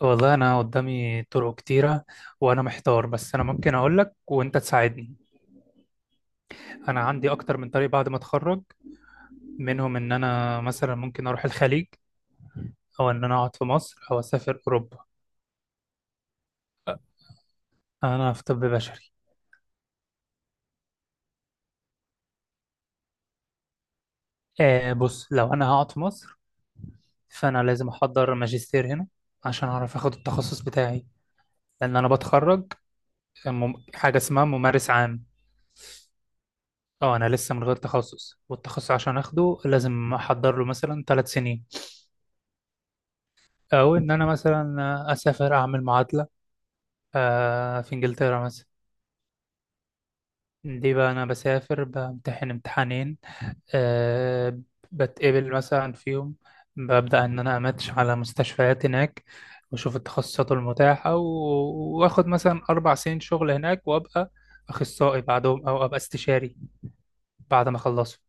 والله أنا قدامي طرق كتيرة، وأنا محتار. بس أنا ممكن أقول لك وأنت تساعدني. أنا عندي أكتر من طريق بعد ما أتخرج. منهم إن أنا مثلا ممكن أروح الخليج، أو إن أنا أقعد في مصر، أو أسافر أوروبا. أنا في طب بشري. آه، بص، لو أنا هقعد في مصر فأنا لازم أحضر ماجستير هنا عشان أعرف أخد التخصص بتاعي، لأن أنا بتخرج حاجة اسمها ممارس عام. أه، أنا لسه من غير تخصص، والتخصص عشان أخده لازم أحضر له مثلا ثلاث سنين. او ان انا مثلا اسافر اعمل معادله، في انجلترا مثلا. دي بقى انا بسافر بامتحن امتحانين، آه، بتقبل مثلا فيهم، ببدا ان انا اماتش على مستشفيات هناك واشوف التخصصات المتاحه واخد مثلا اربع سنين شغل هناك، وابقى اخصائي بعدهم، او ابقى استشاري بعد ما اخلصه.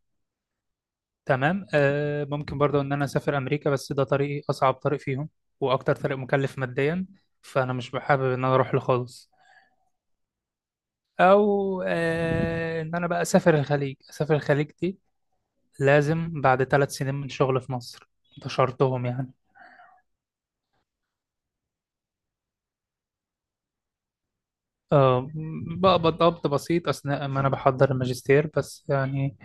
تمام. ممكن برضو ان انا اسافر امريكا، بس ده طريقي اصعب طريق فيهم واكتر طريق مكلف ماديا، فانا مش بحابب ان انا اروح له خالص. او ان انا بقى اسافر الخليج. اسافر الخليج دي لازم بعد ثلاث سنين من شغل في مصر، ده شرطهم يعني. آه، بقبض قبض بسيط اثناء ما انا بحضر الماجستير، بس يعني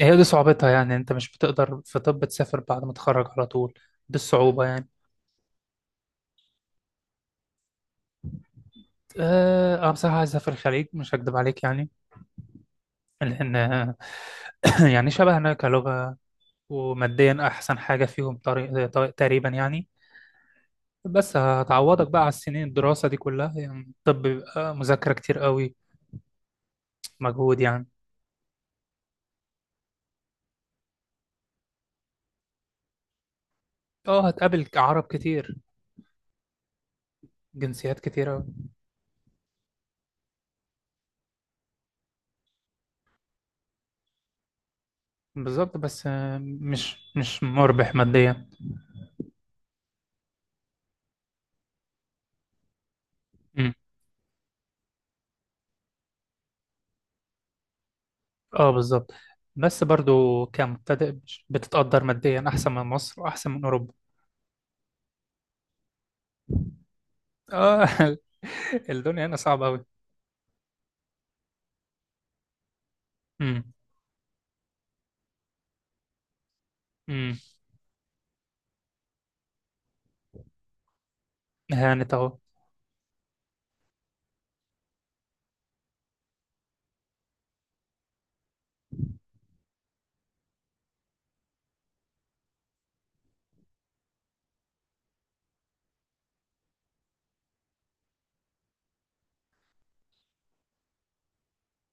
هي دي صعوبتها. يعني انت مش بتقدر في طب تسافر بعد ما تتخرج على طول، دي الصعوبة يعني. اه، أنا بصراحة عايز اسافر الخليج، مش هكدب عليك يعني. لان يعني شبهنا كلغة، وماديا احسن حاجة فيهم، تقريبا يعني. بس هتعوضك بقى على السنين الدراسة دي كلها، يعني الطب بيبقى مذاكرة كتير قوي، مجهود يعني. اه، هتقابل عرب كتير، جنسيات كتير قوي. بالظبط، بس مش مربح ماديا. مم. اه بالظبط. بس برضو كمبتدئ بتتقدر ماديا أحسن من مصر وأحسن من أوروبا. اه. الدنيا هنا صعبة أوي. امم. امم. هانت أهو.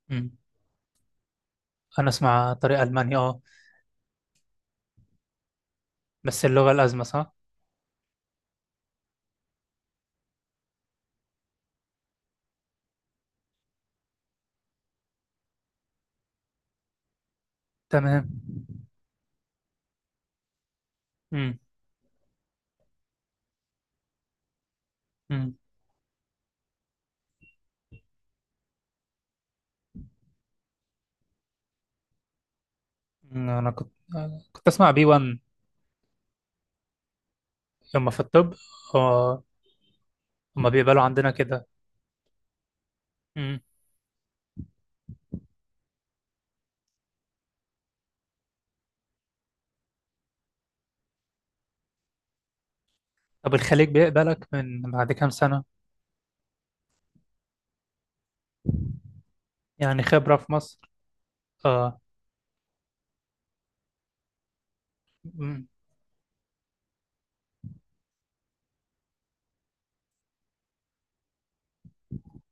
مم. أنا أسمع طريق ألمانيا اه. بس اللغة الأزمة، صح؟ تمام. امم. انا كنت اسمع بي B1. هم في الطب، آه، هم بيقبلوا عندنا كده. مم. طب الخليج بيقبلك من بعد كام سنة؟ يعني خبرة في مصر؟ اه. مم.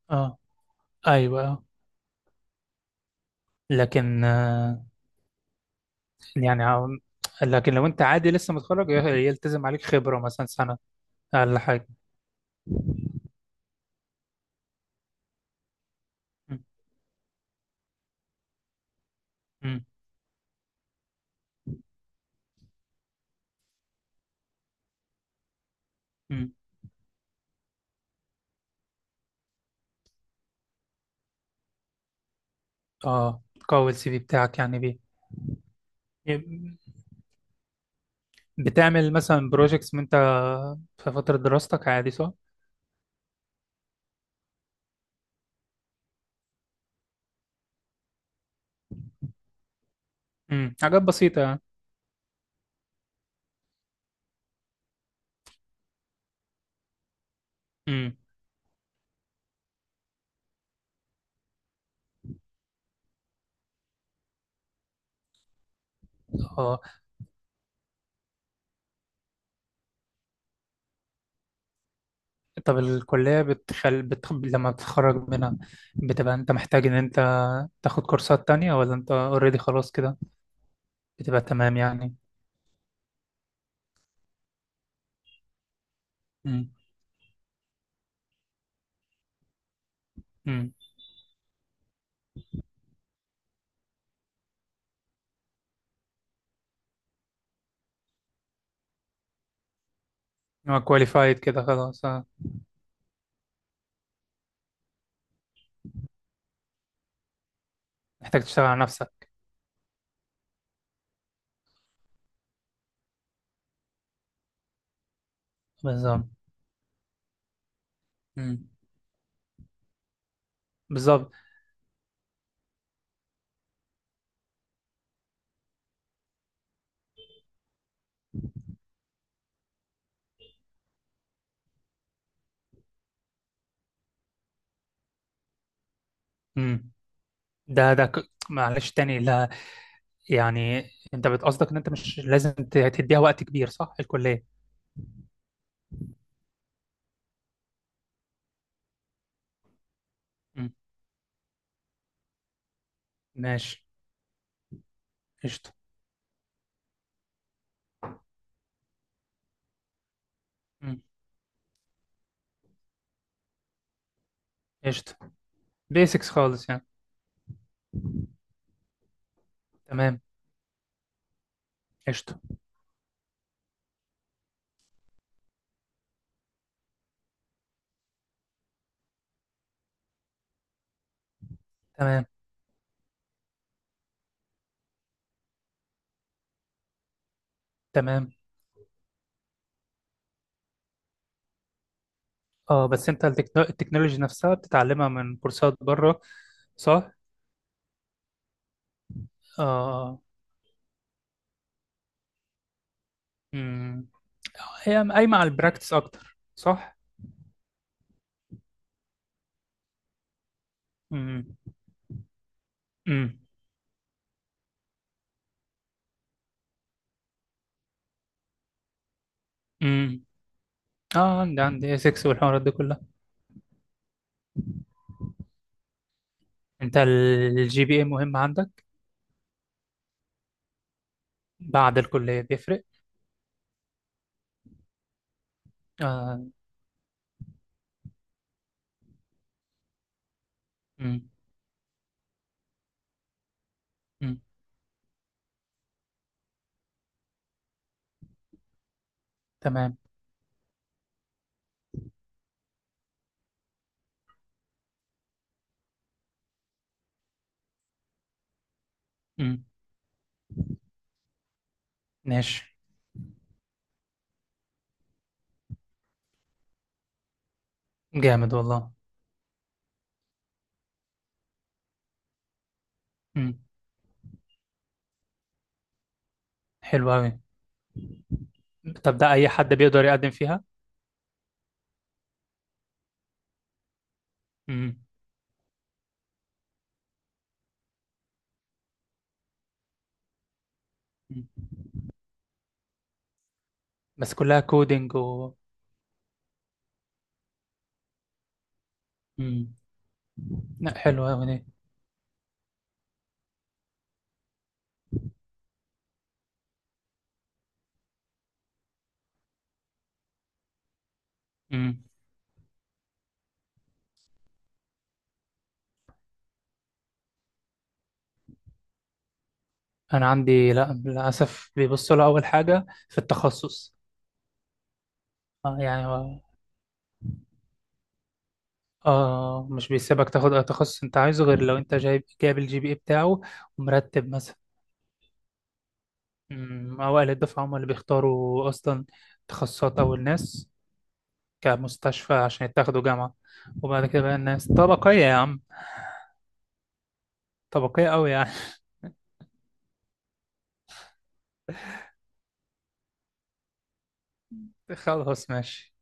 اه. ايوه. لكن يعني عم- لكن لو انت عادي لسه متخرج يلتزم عليك خبرة مثلا سنة، اقل حاجة. مم. مم. مم. اه. قوي السي في بتاعك يعني بيه. يب- بتعمل مثلا بروجيكتس من انت في فترة دراستك عادي، صح؟ مم. حاجات بسيطة يعني. امم. طب الكلية لما بتتخرج منها، بتبقى انت محتاج ان انت تاخد كورسات تانية، ولا انت اوريدي خلاص كده، بتبقى تمام يعني؟ امم. امم. هو كواليفايد كده خلاص، آه. محتاج تشتغل على نفسك. بالظبط. امم. بالظبط. امم. معلش تاني، لا، يعني انت بتقصدك ان انت مش لازم تديها وقت كبير، صح، الكلية؟ امم. ماشي. قشطة. امم. قشطة. بيسكس خالص يعني. تمام. قشطة. تمام. تمام. اه، بس انت التكنولوجي نفسها بتتعلمها من كورسات بره، صح؟ اه. امم. هي قايمة على البراكتس اكتر، صح؟ امم. امم. امم. اه، عندي اسكس والحوارات دي كلها. انت الجي بي اي مهم عندك؟ بعد الكلية بيفرق؟ اه. امم. امم. تمام. امم. ماشي. جامد والله. امم. حلو قوي. طب ده اي حد بيقدر يقدم فيها؟ امم. أمم. بس كلها كودينج و امم. لا، حلوة قوي دي. مم. انا عندي لا للاسف بيبصوا لها اول حاجه في التخصص. آه، اه، مش بيسيبك تاخد اي تخصص انت عايزه غير لو انت جايب الجي بي اي بتاعه ومرتب مثلا. أمم. اوائل الدفعه هم اللي بيختاروا اصلا تخصصات، اول ناس كمستشفى عشان يتاخدوا جامعه. وبعد كده بقى الناس طبقيه يا عم، طبقيه قوي يعني. خلاص ماشي.